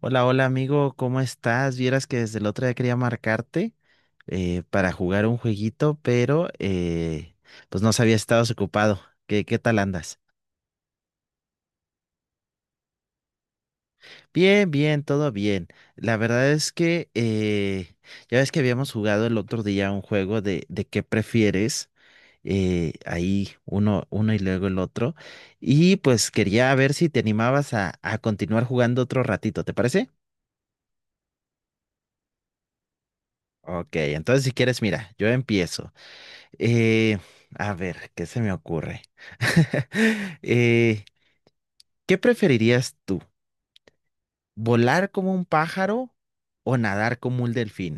Hola, hola amigo, ¿cómo estás? Vieras que desde el otro día quería marcarte para jugar un jueguito, pero pues no sabía si estabas ocupado. ¿Qué tal andas? Bien, bien, todo bien. La verdad es que ya ves que habíamos jugado el otro día un juego de qué prefieres, ahí uno y luego el otro, y pues quería ver si te animabas a continuar jugando otro ratito, ¿te parece? Ok, entonces si quieres, mira, yo empiezo. Eh, a ver, ¿qué se me ocurre? Eh, ¿qué preferirías tú? ¿Volar como un pájaro o nadar como un delfín?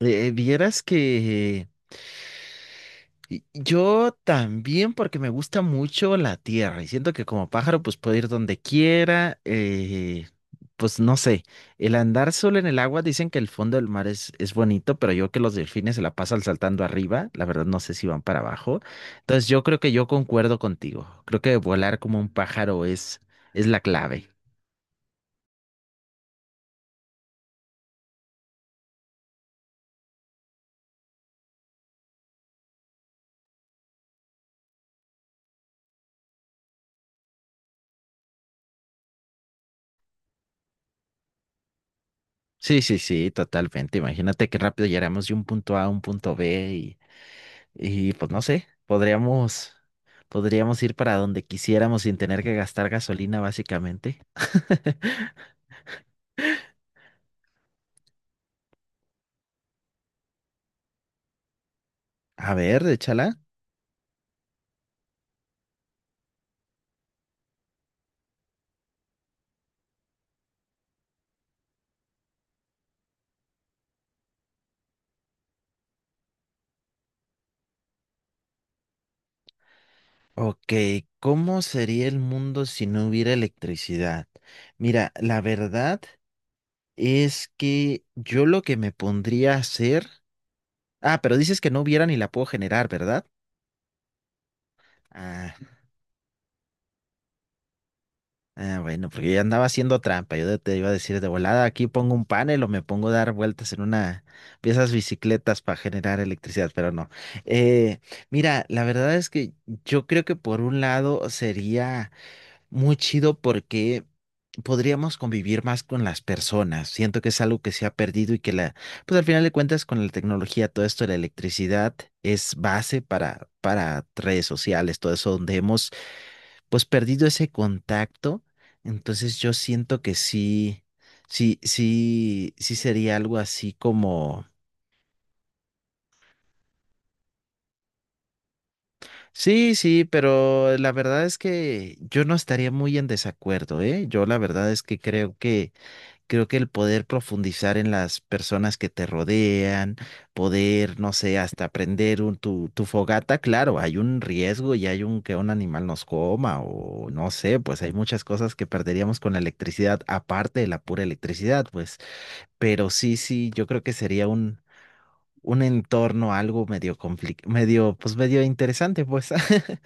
Eh, vieras que Yo también porque me gusta mucho la tierra y siento que como pájaro pues puedo ir donde quiera, pues no sé, el andar solo en el agua dicen que el fondo del mar es bonito, pero yo que los delfines se la pasan saltando arriba, la verdad no sé si van para abajo, entonces yo creo que yo concuerdo contigo, creo que volar como un pájaro es la clave. Sí, sí, sí, totalmente, imagínate qué rápido llegaremos de un punto A a un punto B. Y pues no sé, podríamos ir para donde quisiéramos sin tener que gastar gasolina, básicamente. A ver, échala. Ok, ¿cómo sería el mundo si no hubiera electricidad? Mira, la verdad es que yo lo que me pondría a hacer... Ah, pero dices que no hubiera ni la puedo generar, ¿verdad? Ah, ah, bueno, porque yo andaba haciendo trampa. Yo te iba a decir de volada, aquí pongo un panel o me pongo a dar vueltas en una de esas bicicletas para generar electricidad, pero no. Eh, mira, la verdad es que yo creo que por un lado sería muy chido porque podríamos convivir más con las personas. Siento que es algo que se ha perdido y que pues al final de cuentas con la tecnología, todo esto de la electricidad es base para redes sociales, todo eso donde hemos pues perdido ese contacto, entonces yo siento que sí, sí, sí, sí sería algo así como, sí, sí, pero la verdad es que yo no estaría muy en desacuerdo, ¿eh? Yo la verdad es que creo que creo que el poder profundizar en las personas que te rodean, poder, no sé, hasta prender tu fogata, claro, hay un riesgo y hay un que un animal nos coma o no sé, pues hay muchas cosas que perderíamos con la electricidad, aparte de la pura electricidad, pues, pero sí, sí, yo creo que sería un entorno algo medio complicado, medio, pues medio interesante, pues.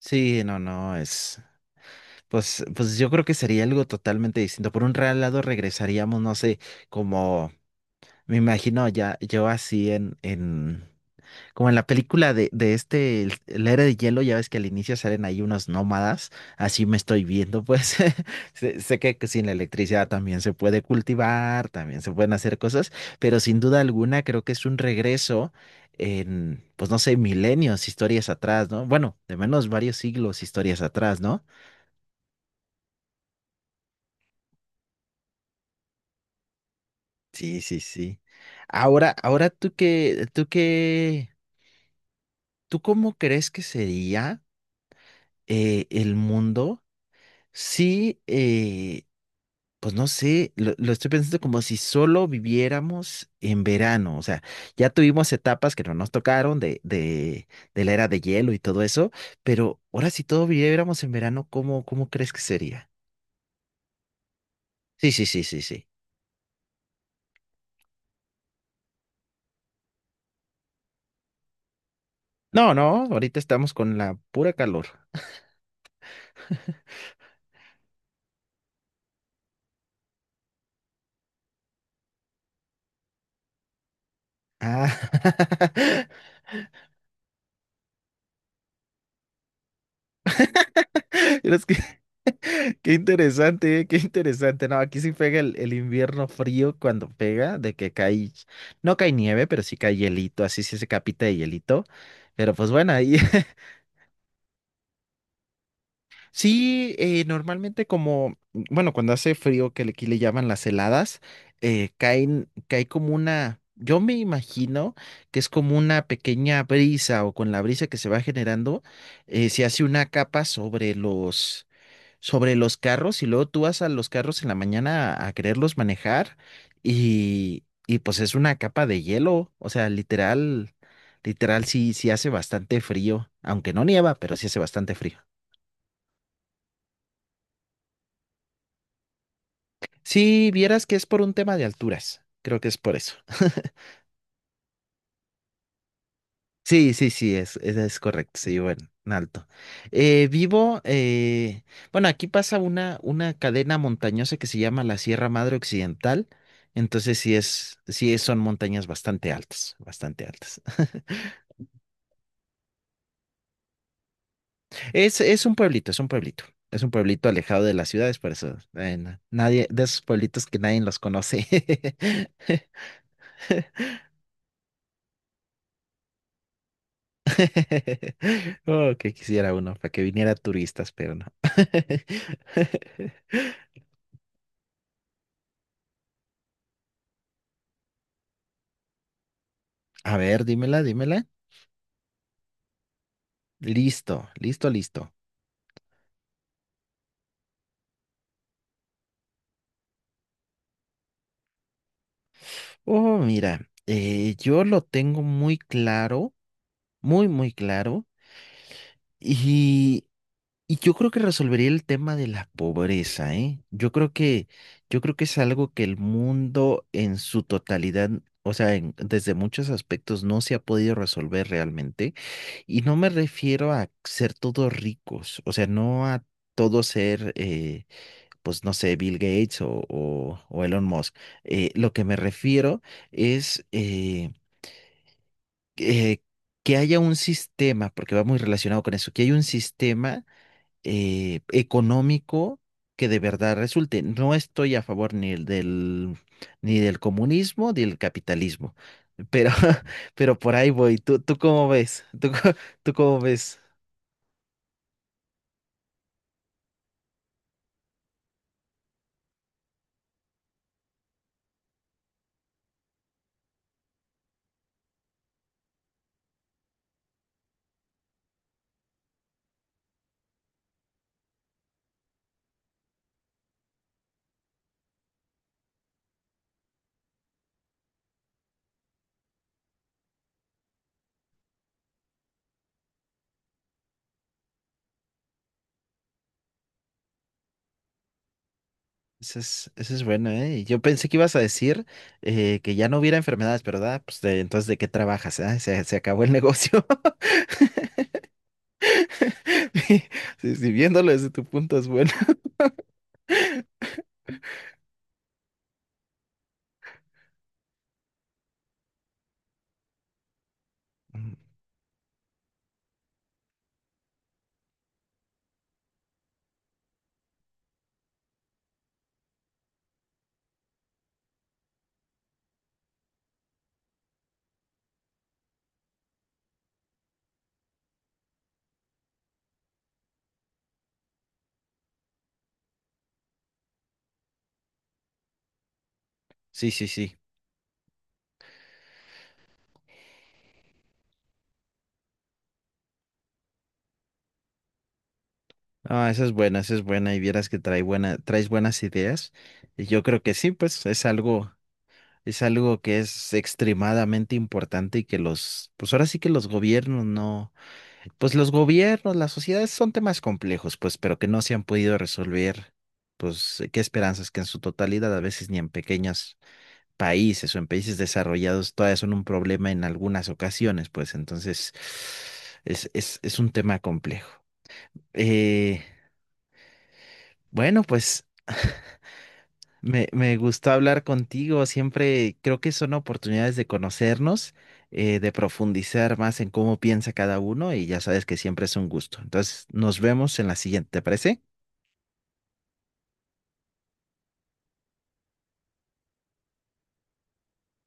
Sí, no, no, es, pues, pues yo creo que sería algo totalmente distinto. Por un lado regresaríamos, no sé, como me imagino ya yo así en como en la película de este el Héroe de Hielo, ya ves que al inicio salen ahí unos nómadas, así me estoy viendo, pues, sé, sé que sin la electricidad también se puede cultivar, también se pueden hacer cosas, pero sin duda alguna creo que es un regreso en, pues no sé, milenios, historias atrás, ¿no? Bueno, de menos varios siglos, historias atrás, ¿no? Sí, sí, sí. Ahora, ahora tú qué, tú qué, ¿tú cómo crees que sería? El mundo, sí, pues no sé, lo estoy pensando como si solo viviéramos en verano, o sea, ya tuvimos etapas que no nos tocaron de la era de hielo y todo eso, pero ahora si todo viviéramos en verano, ¿cómo crees que sería? Sí, sí, sí, sí, sí. No, no, ahorita estamos con la pura calor. Ah, es que qué interesante, qué interesante. No, aquí sí pega el invierno frío cuando pega, de que cae, no cae nieve, pero sí cae hielito, así sí se capita de hielito. Pero pues bueno, ahí sí, normalmente como, bueno, cuando hace frío, que aquí le llaman las heladas, caen, cae como una, yo me imagino que es como una pequeña brisa o con la brisa que se va generando, se hace una capa sobre los carros y luego tú vas a los carros en la mañana a quererlos manejar y pues es una capa de hielo, o sea, literal, literal sí, sí hace bastante frío, aunque no nieva, pero sí hace bastante frío. Si vieras que es por un tema de alturas, creo que es por eso. Sí, sí, sí, es correcto, sí, bueno, en alto. Vivo, bueno, aquí pasa una cadena montañosa que se llama la Sierra Madre Occidental, entonces sí es- son montañas bastante altas, bastante altas. Es un pueblito, es un pueblito, es un pueblito alejado de las ciudades, por eso, nadie, de esos pueblitos que nadie los conoce. Oh, que quisiera uno, para que viniera turistas, pero no. A ver, dímela, dímela. Listo, listo, listo. Oh, mira, yo lo tengo muy claro, muy, muy claro, y, y yo creo que resolvería el tema de la pobreza, ¿eh? Yo creo que es algo que el mundo en su totalidad, o sea, en- desde muchos aspectos no se ha podido resolver realmente, y no me refiero a ser todos ricos, o sea, no a todo ser, pues no sé, Bill Gates o Elon Musk. Lo que me refiero es eh, que haya un sistema, porque va muy relacionado con eso, que haya un sistema económico que de verdad resulte. No estoy a favor ni del comunismo ni del capitalismo, pero, pero por ahí voy. ¿Tú cómo ves? ¿Tú, tú cómo ves? Esa es buena, ¿eh? Yo pensé que ibas a decir que ya no hubiera enfermedades, pero ¿verdad? Pues entonces, ¿de qué trabajas? Ah, se acabó el negocio. Sí, sí, viéndolo desde tu punto es bueno. Mm, sí, sí, sí. Ah, esa es buena, esa es buena. Y vieras que trae buena, traes buenas ideas. Y yo creo que sí, pues es algo que es extremadamente importante y que los, pues ahora sí que los gobiernos no. Pues los gobiernos, las sociedades son temas complejos, pues, pero que no se han podido resolver, pues, qué esperanzas que en su totalidad, a veces ni en pequeños países o en países desarrollados, todavía son un problema en algunas ocasiones, pues, entonces es un tema complejo. Eh, bueno, pues, me gustó hablar contigo, siempre creo que son oportunidades de conocernos, de profundizar más en cómo piensa cada uno y ya sabes que siempre es un gusto. Entonces, nos vemos en la siguiente, ¿te parece?